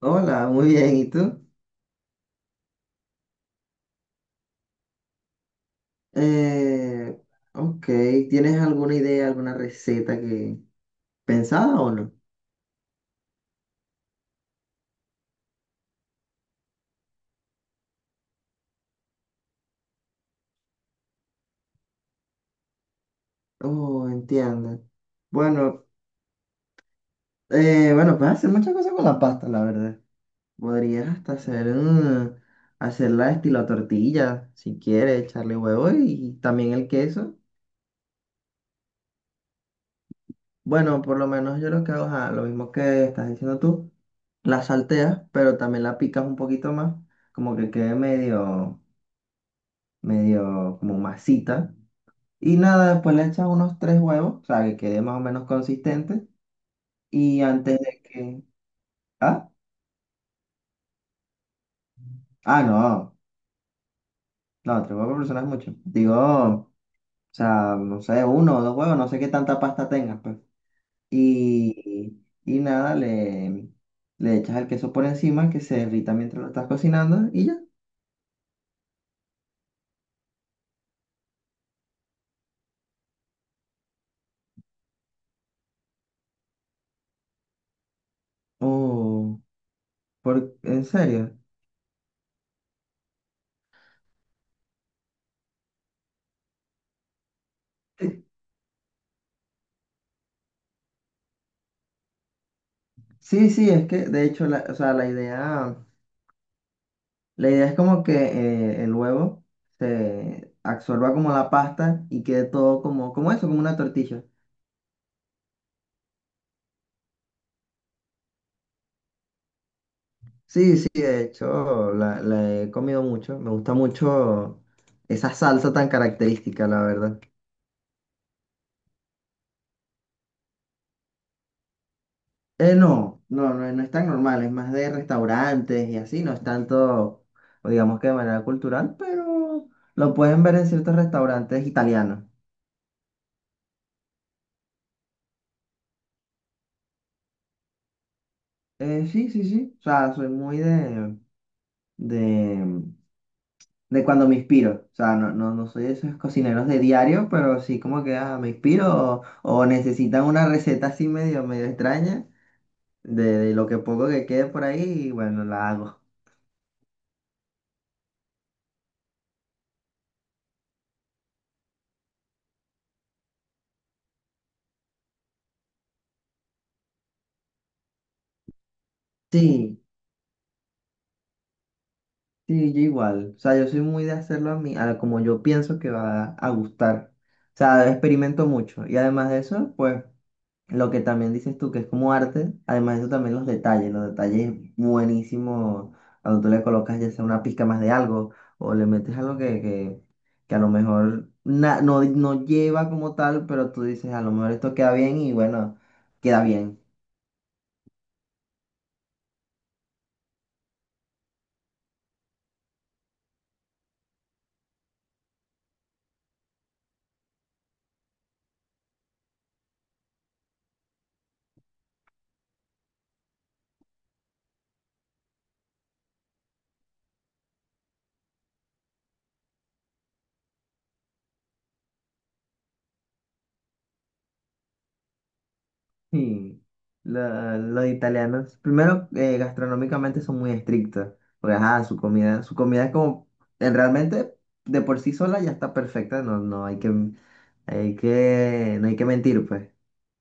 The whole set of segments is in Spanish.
Hola, muy bien. ¿Y tú? Eh, ok, ¿tienes alguna idea, alguna receta que pensada o no? Oh, entiendo. Bueno, bueno, puedes hacer muchas cosas con la pasta, la verdad. Podrías hasta hacer, hacerla estilo tortilla, si quieres, echarle huevo y también el queso. Bueno, por lo menos yo lo que hago es lo mismo que estás diciendo tú. La salteas, pero también la picas un poquito más, como que quede medio, medio como masita. Y nada, después le echas unos tres huevos, o sea, que quede más o menos consistente. Y antes de que... Ah, ah, no, no, tres huevos por persona es mucho. Digo, o sea, no sé, uno o dos huevos, no sé qué tanta pasta tengas, pues. Y nada, le echas el queso por encima, que se derrita mientras lo estás cocinando y ya. Oh, por, ¿en serio? Sí, sí, es que de hecho, o sea, la idea... La idea es como que el huevo se absorba como la pasta y quede todo como, como eso, como una tortilla. Sí, sí, de hecho la he comido mucho. Me gusta mucho esa salsa tan característica, la verdad. No, no, no, no es tan normal, es más de restaurantes y así, no es tanto, o digamos que de manera cultural, pero lo pueden ver en ciertos restaurantes italianos. Sí, sí, sí. O sea, soy muy de, de cuando me inspiro. O sea, no, no, no soy de esos cocineros de diario, pero sí como que me inspiro o necesitan una receta así medio, medio extraña de lo que poco que quede por ahí y bueno, la hago. Sí, sí, yo igual. O sea, yo soy muy de hacerlo a mí, a como yo pienso que va a gustar. O sea, experimento mucho. Y además de eso, pues lo que también dices tú, que es como arte, además de eso también los detalles buenísimos, cuando tú le colocas ya sea una pizca más de algo o le metes algo que a lo mejor na- no, no lleva como tal, pero tú dices, a lo mejor esto queda bien y bueno, queda bien. Y los italianos, primero, gastronómicamente son muy estrictos, porque ajá, su comida es como, realmente de por sí sola ya está perfecta, no, no hay que... Hay que, no hay que mentir, pues.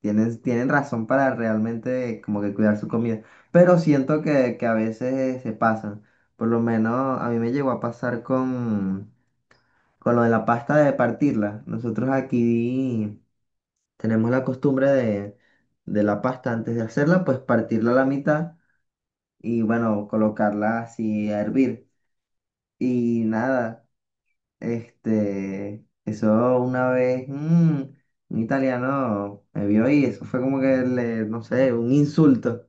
Tienen, tienen razón para realmente como que cuidar su comida, pero siento que a veces se pasan. Por lo menos a mí me llegó a pasar con lo de la pasta de partirla. Nosotros aquí tenemos la costumbre de la pasta antes de hacerla, pues partirla a la mitad y bueno, colocarla así a hervir. Y nada, este, eso una vez, un italiano me vio y eso fue como que le, no sé, un insulto.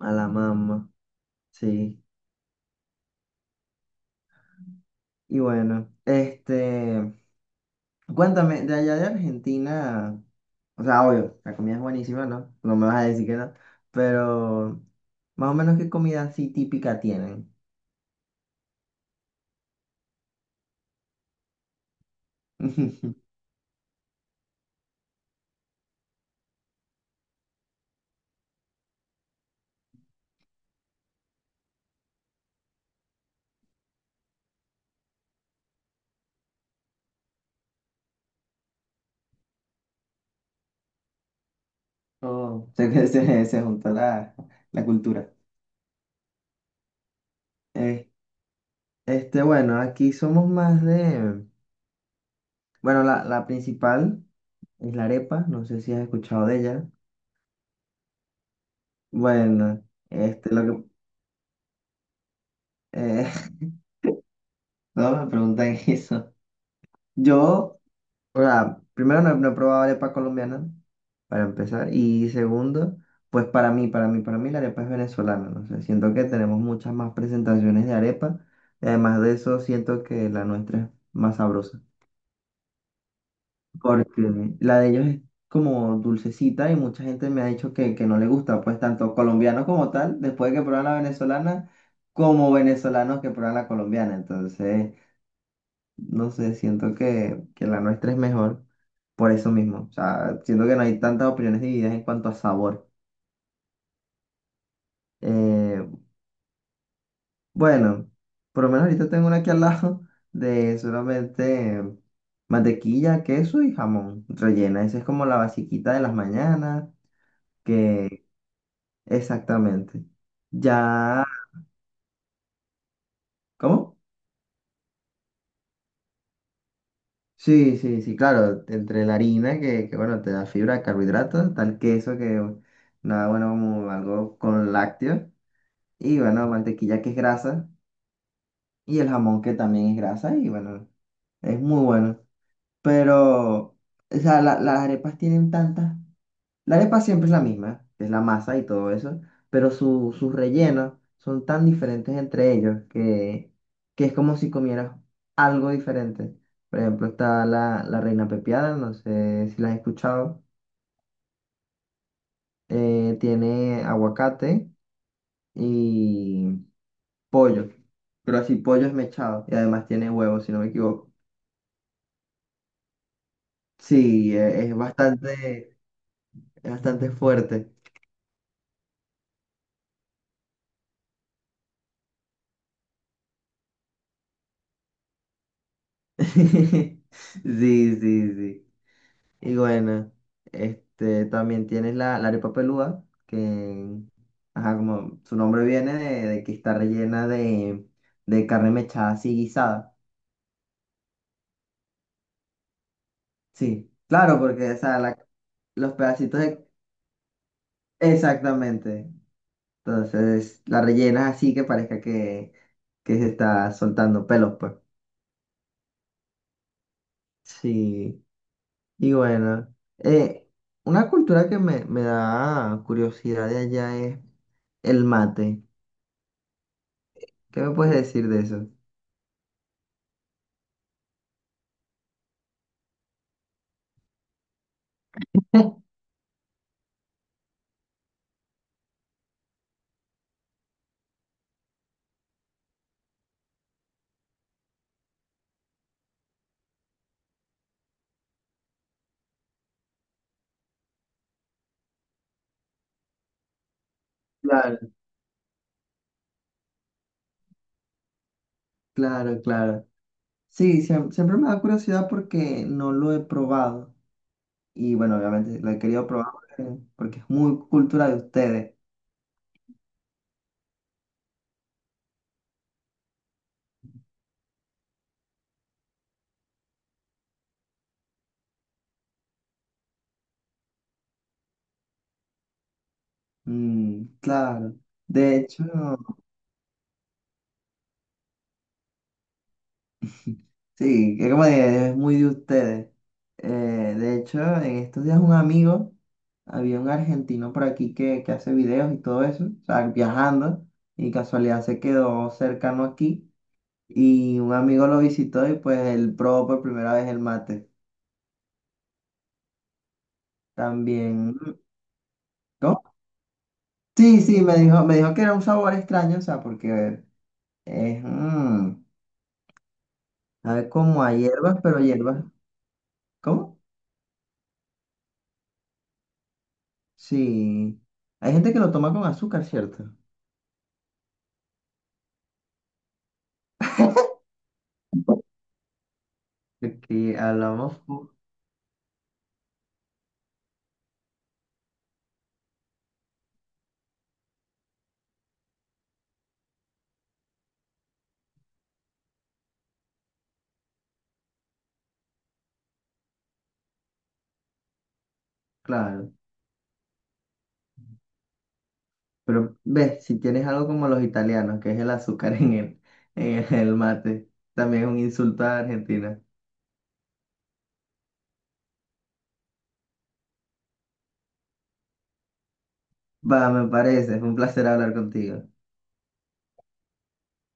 A la mamá, sí. Y bueno, este, cuéntame, de allá de Argentina, o sea, obvio, la comida es buenísima, ¿no? No me vas a decir que no, pero más o menos qué comida así típica tienen. Oh, sé que se juntó la cultura. Eh, este, bueno, aquí somos más de, bueno, la principal es la arepa, no sé si has escuchado de ella. Bueno, este, lo que, eh, no me preguntan eso. Yo... O sea, primero no, he no he probado arepa colombiana, para empezar. Y segundo, pues para mí la arepa es venezolana. No sé, siento que tenemos muchas más presentaciones de arepa. Y además de eso, siento que la nuestra es más sabrosa. Porque la de ellos es como dulcecita y mucha gente me ha dicho que no le gusta. Pues tanto colombianos como tal, después de que prueban la venezolana, como venezolanos que prueban la colombiana. Entonces no sé, siento que la nuestra es mejor por eso mismo. O sea, siento que no hay tantas opiniones divididas en cuanto a sabor. Eh, bueno, por lo menos ahorita tengo una aquí al lado de solamente mantequilla, queso y jamón rellena. Esa es como la basiquita de las mañanas, que exactamente. Ya, ¿cómo? Sí, sí, sí, claro, entre la harina que bueno, te da fibra, carbohidratos, tal queso que nada bueno como algo con lácteos. Y bueno, mantequilla que es grasa y el jamón que también es grasa y bueno, es muy bueno. Pero, o sea, las arepas tienen tantas... La arepa siempre es la misma, que es la masa y todo eso, pero sus rellenos son tan diferentes entre ellos que es como si comieras algo diferente. Por ejemplo, está la reina pepiada, no sé si la has escuchado. Eh, tiene aguacate, pollo, pero así pollo esmechado y además tiene huevo, si no me equivoco. Sí, e- es bastante fuerte. Sí, sí, sí. Y bueno, este también tienes la arepa pelúa, que ajá, como su nombre viene de que está rellena de carne mechada así guisada. Sí, claro, porque o sea, los pedacitos de- exactamente. Entonces la rellenas así que parezca que se está soltando pelos, pues. Sí, y bueno, eh, una cultura que me da curiosidad de allá es el mate. ¿Qué me puedes decir de eso? Claro, claro, claro. Sí, siem- siempre me da curiosidad porque no lo he probado. Y bueno, obviamente lo he querido probar porque, porque es muy cultura de ustedes. Mm, claro. De hecho. Sí, que como de- es muy de ustedes. Eh, de hecho, en estos días un amigo, había un argentino por aquí que hace videos y todo eso, o sea, viajando, y casualidad se quedó cercano aquí, y un amigo lo visitó y pues él probó por primera vez el mate. También, ¿no? Sí, sí, me dijo que era un sabor extraño, o sea, porque es, sabe como a hierbas, pero hierbas, ¿cómo? Sí, hay gente que lo toma con azúcar, ¿cierto? De que hablamos, fu- claro, pero ves, si tienes algo como los italianos, que es el azúcar en el mate, también es un insulto a Argentina. Va, me parece, fue un placer hablar contigo.